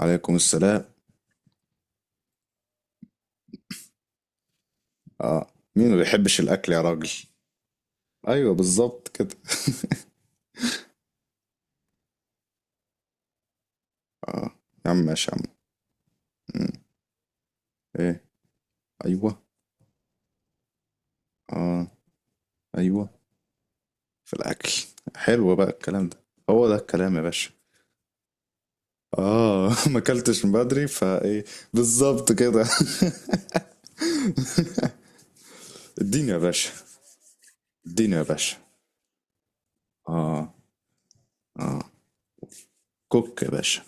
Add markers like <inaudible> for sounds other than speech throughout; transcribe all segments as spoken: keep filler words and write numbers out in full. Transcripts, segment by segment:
عليكم السلام. اه، مين ما بيحبش الاكل يا راجل؟ ايوه، بالظبط كده. <laughs> اه، يا عم ماشي يا عم. مم. ايه؟ ايوه. اه. ايوه، في الاكل. حلو بقى الكلام ده. هو ده الكلام يا باشا. اه. <laughs> ما اكلتش من بدري فايه. بالظبط كده. <laughs> اديني يا باشا. اديني يا باشا. اه. اه. كوك يا باشا.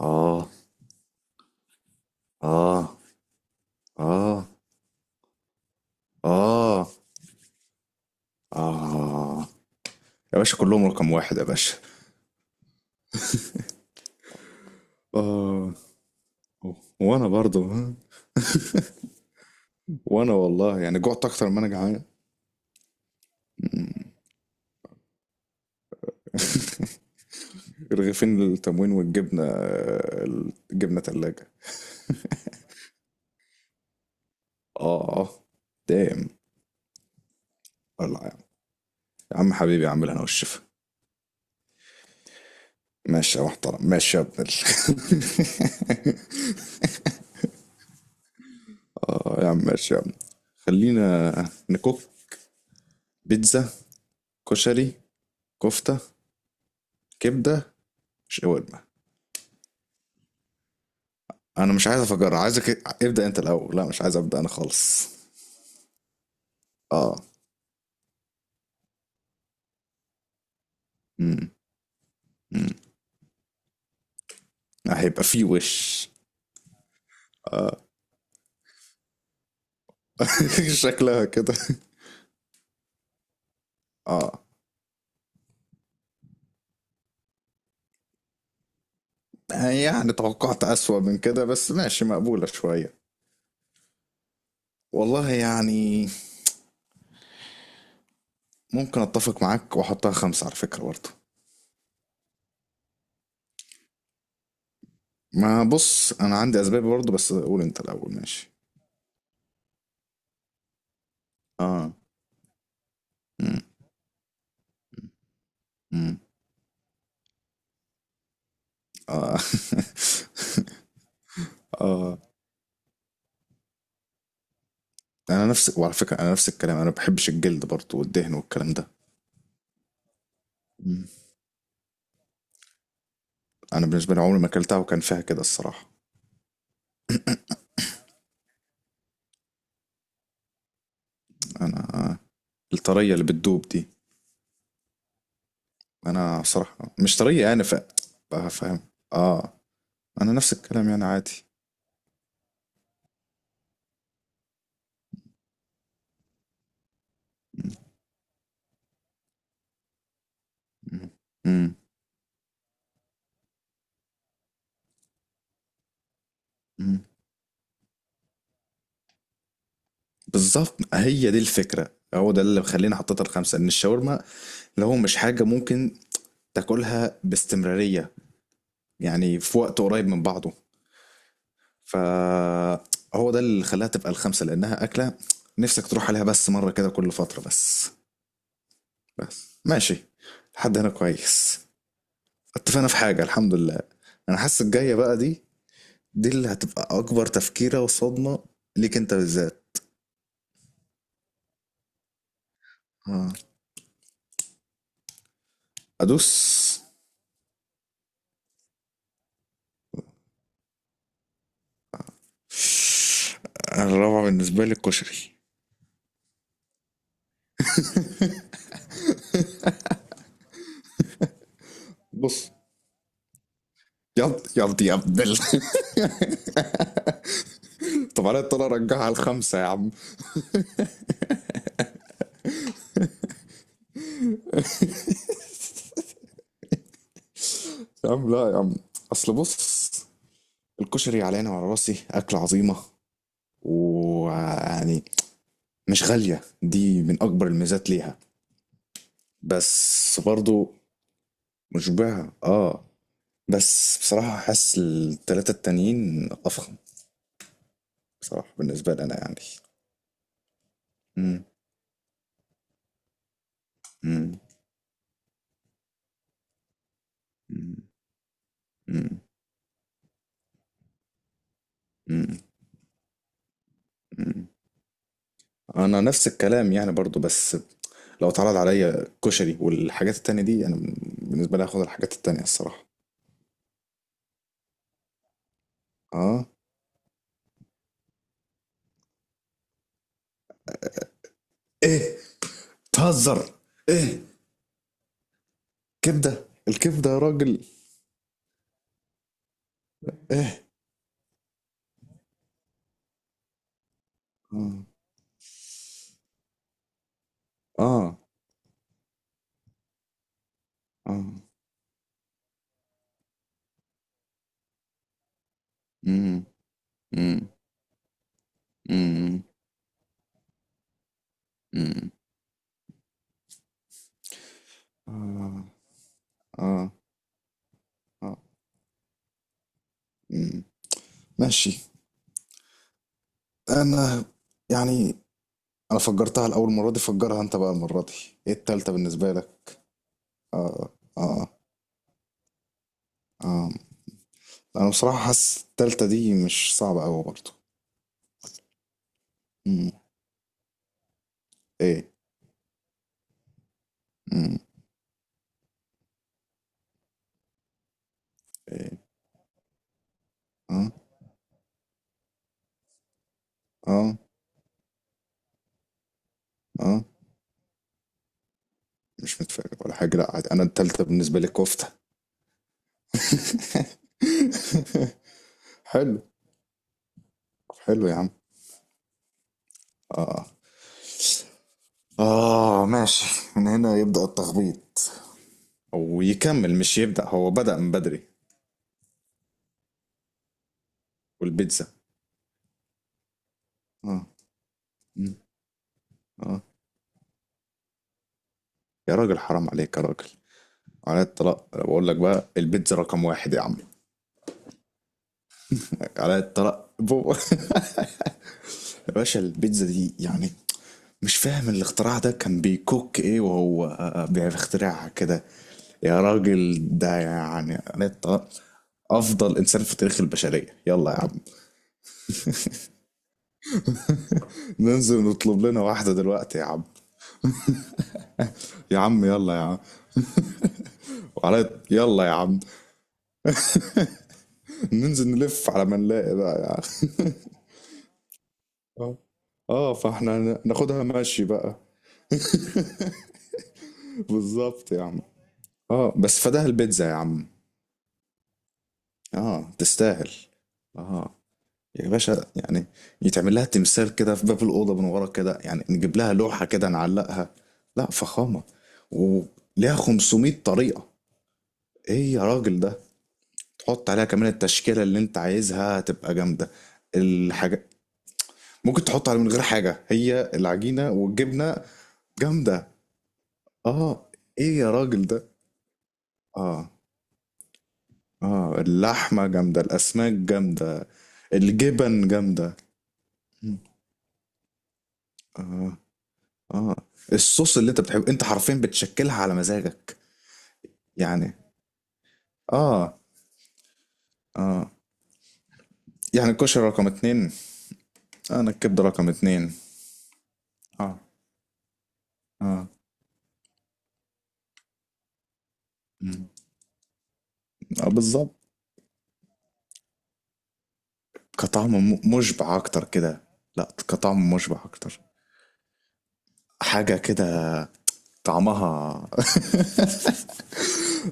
اه. اه. اه. اه. اه، يا باشا كلهم رقم واحد يا باشا. اه. وانا برضو، ها؟ وانا والله يعني جعت اكتر ما انا جعان. <laughs> رغيفين التموين والجبنه. الجبنه تلاجة. اه. دام. والله يا عم، يا عم حبيبي اعمل انا والشفا. ماشي يا محترم، ماشي يا ابن ال-. <laughs> اه، يا عم ماشي يا عم. خلينا نكوك. بيتزا. كشري. كفته. كبده. شاورما. انا مش عايز افجر، عايزك ابدا انت الاول. لا مش عايز ابدا انا خالص. اه. امم هيبقى فيه وش؟ اه. <laughs> شكلها كده. اه، يعني توقعت أسوأ من كده بس ماشي، مقبولة شوية. والله يعني ممكن أتفق معاك وأحطها خمسة على فكرة برضه. ما بص، أنا عندي أسباب برضه بس قول أنت الأول ماشي. اه. مم. مم. اه. <laughs> اه، أنا نفس، وعلى فكرة أنا نفس الكلام، أنا ما بحبش الجلد برضه والدهن والكلام ده. مم. أنا بالنسبة لي عمري ما أكلتها وكان فيها كده الصراحة. أنا الطرية اللي بتدوب دي. انا بصراحة مش طريقي انا ف. بقى فاهم. اه. انا نفس الكلام يعني عادي. مم. مم. مم. مم. بالظبط، هي دي الفكرة، هو ده اللي مخليني حطيتها الخمسة، ان الشاورما لو مش حاجة ممكن تاكلها باستمرارية، يعني في وقت قريب من بعضه، فهو ده اللي خلاها تبقى الخمسة لانها اكلة نفسك تروح عليها بس مرة كده كل فترة بس. بس ماشي. لحد هنا كويس. اتفقنا في حاجة، الحمد لله. انا حاسس الجاية بقى دي، دي اللي هتبقى اكبر تفكيرة وصدمة ليك انت بالذات. آه. ادوس. الرابعة بالنسبة لي الكشري. بص. يض يض يا ابدل. <laughs> طب انا اضطر ارجعها على الخمسة يا عم. يا عم لا يا عم. اصل بص. الكشري علينا وعلى راسي اكلة عظيمة. ويعني مش غالية، دي من اكبر الميزات ليها. بس برضو مشبعة. اه. بس بصراحة حاسس التلاتة التانيين افخم بصراحة، بالنسبة لي انا يعني. إمم. إمم. إمم. إمم. إمم. إمم. أنا نفس الكلام يعني برضه، بس لو اتعرض عليّا كشري والحاجات التانية دي، أنا ب، بالنسبة لي هاخد الحاجات التانية الصراحة. آه. إيه! بتهزر! إيه! كبدة! الكبدة يا راجل! إيه! آه. آه. آه. إمم. إمم. إمم. إمم. آه. آه. آه. إمم. ماشي. أنا. يعني. انا فجرتها الاول مره دي، فجرها انت بقى المره دي. ايه التالتة بالنسبه لك؟ اه. اه. اه. انا بصراحه حاسس التالتة دي مش صعبه قوي برضه. امم. ايه. امم. ايه. اه. اه. اه. مش متفاجئ ولا حاجه، لا عادي، انا التالتة بالنسبه لي كفته. <laughs> حلو. حلو يا عم. اه. اه. ماشي، من هنا يبدأ التخبيط ويكمل، مش يبدأ، هو بدأ من بدري. والبيتزا. اه. مم. اه. يا راجل حرام عليك يا راجل. على الطلاق بقول لك بقى، البيتزا رقم واحد يا عم. على الطلاق بو-. <laughs> يا باشا البيتزا دي يعني، مش فاهم الاختراع ده كان بيكوك ايه وهو بيخترعها كده. يا راجل ده يعني على الطلاق افضل انسان في تاريخ البشرية. يلا يا عم ننزل نطلب لنا واحدة دلوقتي يا عم. يا عم يلا يا عم. وعلى يلا يا عم. ننزل نلف على ما نلاقي بقى يا عم. <laughs> اه. اه، فاحنا هن- ناخدها ماشي بقى. بالظبط يا عم. اه بس فداها البيتزا يا عم. اه تستاهل. اه. يا باشا يعني، يتعمل لها تمثال كده في باب الأوضة من ورا كده، يعني نجيب لها لوحة كده نعلقها. لا فخامة. وليها 500 طريقة. ايه يا راجل ده. تحط عليها كمان التشكيلة اللي انت عايزها تبقى جامدة. الحاجة ممكن تحط عليها من غير حاجة، هي العجينة والجبنة جامدة. اه. ايه يا راجل ده. اه. اه، اللحمة جامدة، الأسماك جامدة، الجبن جامدة. مم. اه. اه. الصوص اللي انت بتحبه، انت حرفيا بتشكلها على مزاجك. يعني. اه. اه. يعني الكشري رقم اتنين. انا الكبدة رقم اتنين. اه. اه. مم. اه بالظبط. كطعم م- مشبع اكتر كده. لا كطعم مشبع اكتر. حاجة كده. طعمها. <laughs>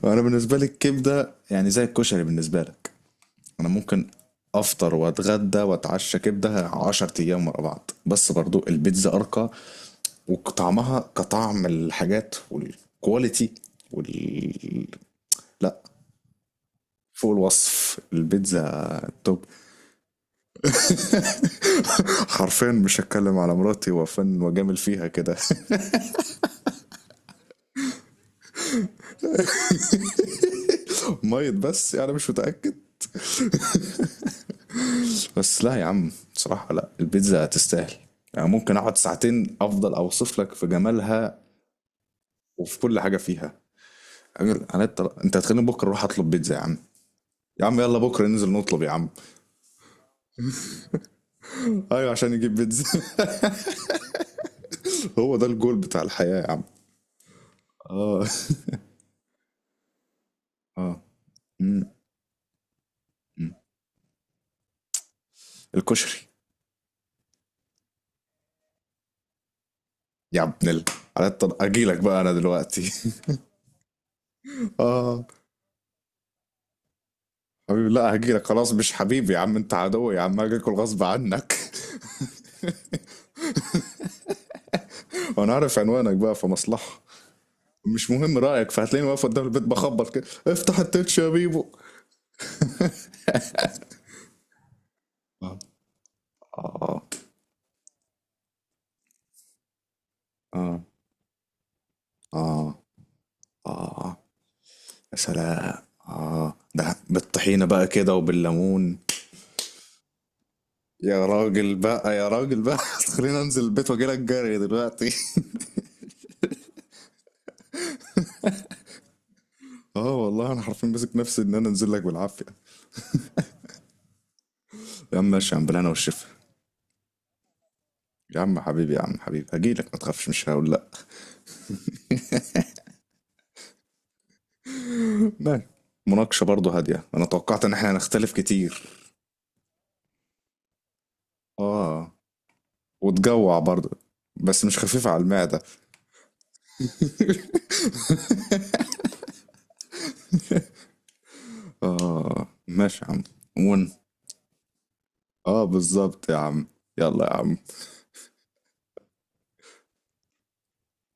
انا بالنسبة لي الكبدة يعني زي الكشري بالنسبة لك. انا ممكن افطر واتغدى واتعشى كبده عشرة ايام ورا بعض، بس برضو البيتزا ارقى وطعمها كطعم الحاجات والكواليتي وال-. لا، فوق الوصف البيتزا توب. حرفيا مش هتكلم على مراتي وفن وجامل فيها كده. <laughs> ميت، بس انا يعني مش متاكد. بس لا يا عم بصراحه، لا البيتزا تستاهل. يعني ممكن اقعد ساعتين افضل اوصف لك في جمالها وفي كل حاجه فيها. أجل، انا انت انت هتخليني بكره اروح اطلب بيتزا يا عم. يا عم يلا بكره ننزل نطلب يا عم. ايوه، عشان نجيب بيتزا. <laughs> هو ده الجول بتاع الحياه يا عم. اه. اه. مم. مم. الكشري. يا ابن ال. على الطن... اجيلك بقى انا دلوقتي. <laughs> اه. حبيبي لا، هجيلك خلاص، مش حبيبي يا عم، انت عدوي يا عم، هاجي اكل غصب عنك. <laughs> وانا عارف عنوانك بقى، في مصلحه مش مهم رايك، فهتلاقيني واقف قدام البيت بخبط كده، افتح التتش يا بيبو. اه. اه. اه. اه. اه. يا سلام. اه، ده بالطحينه بقى كده وبالليمون. يا راجل بقى، يا راجل بقى، <laughs> خليني انزل البيت واجي لك جري دلوقتي. <laughs> اه والله انا حرفيا ماسك نفسي ان انا انزل لك بالعافيه. يا عم ماشي يا عم، بالهنا والشفا. يا عم حبيبي، يا عم حبيبي، هجي لك ما تخافش مش هقول لا. ماشي. مناقشه برضه هاديه، انا توقعت ان احنا هنختلف كتير. اه. وتجوع برضه بس مش خفيفه على المعده. اه ماشي يا عم. ون. اه بالظبط يا عم. يلا يا عم.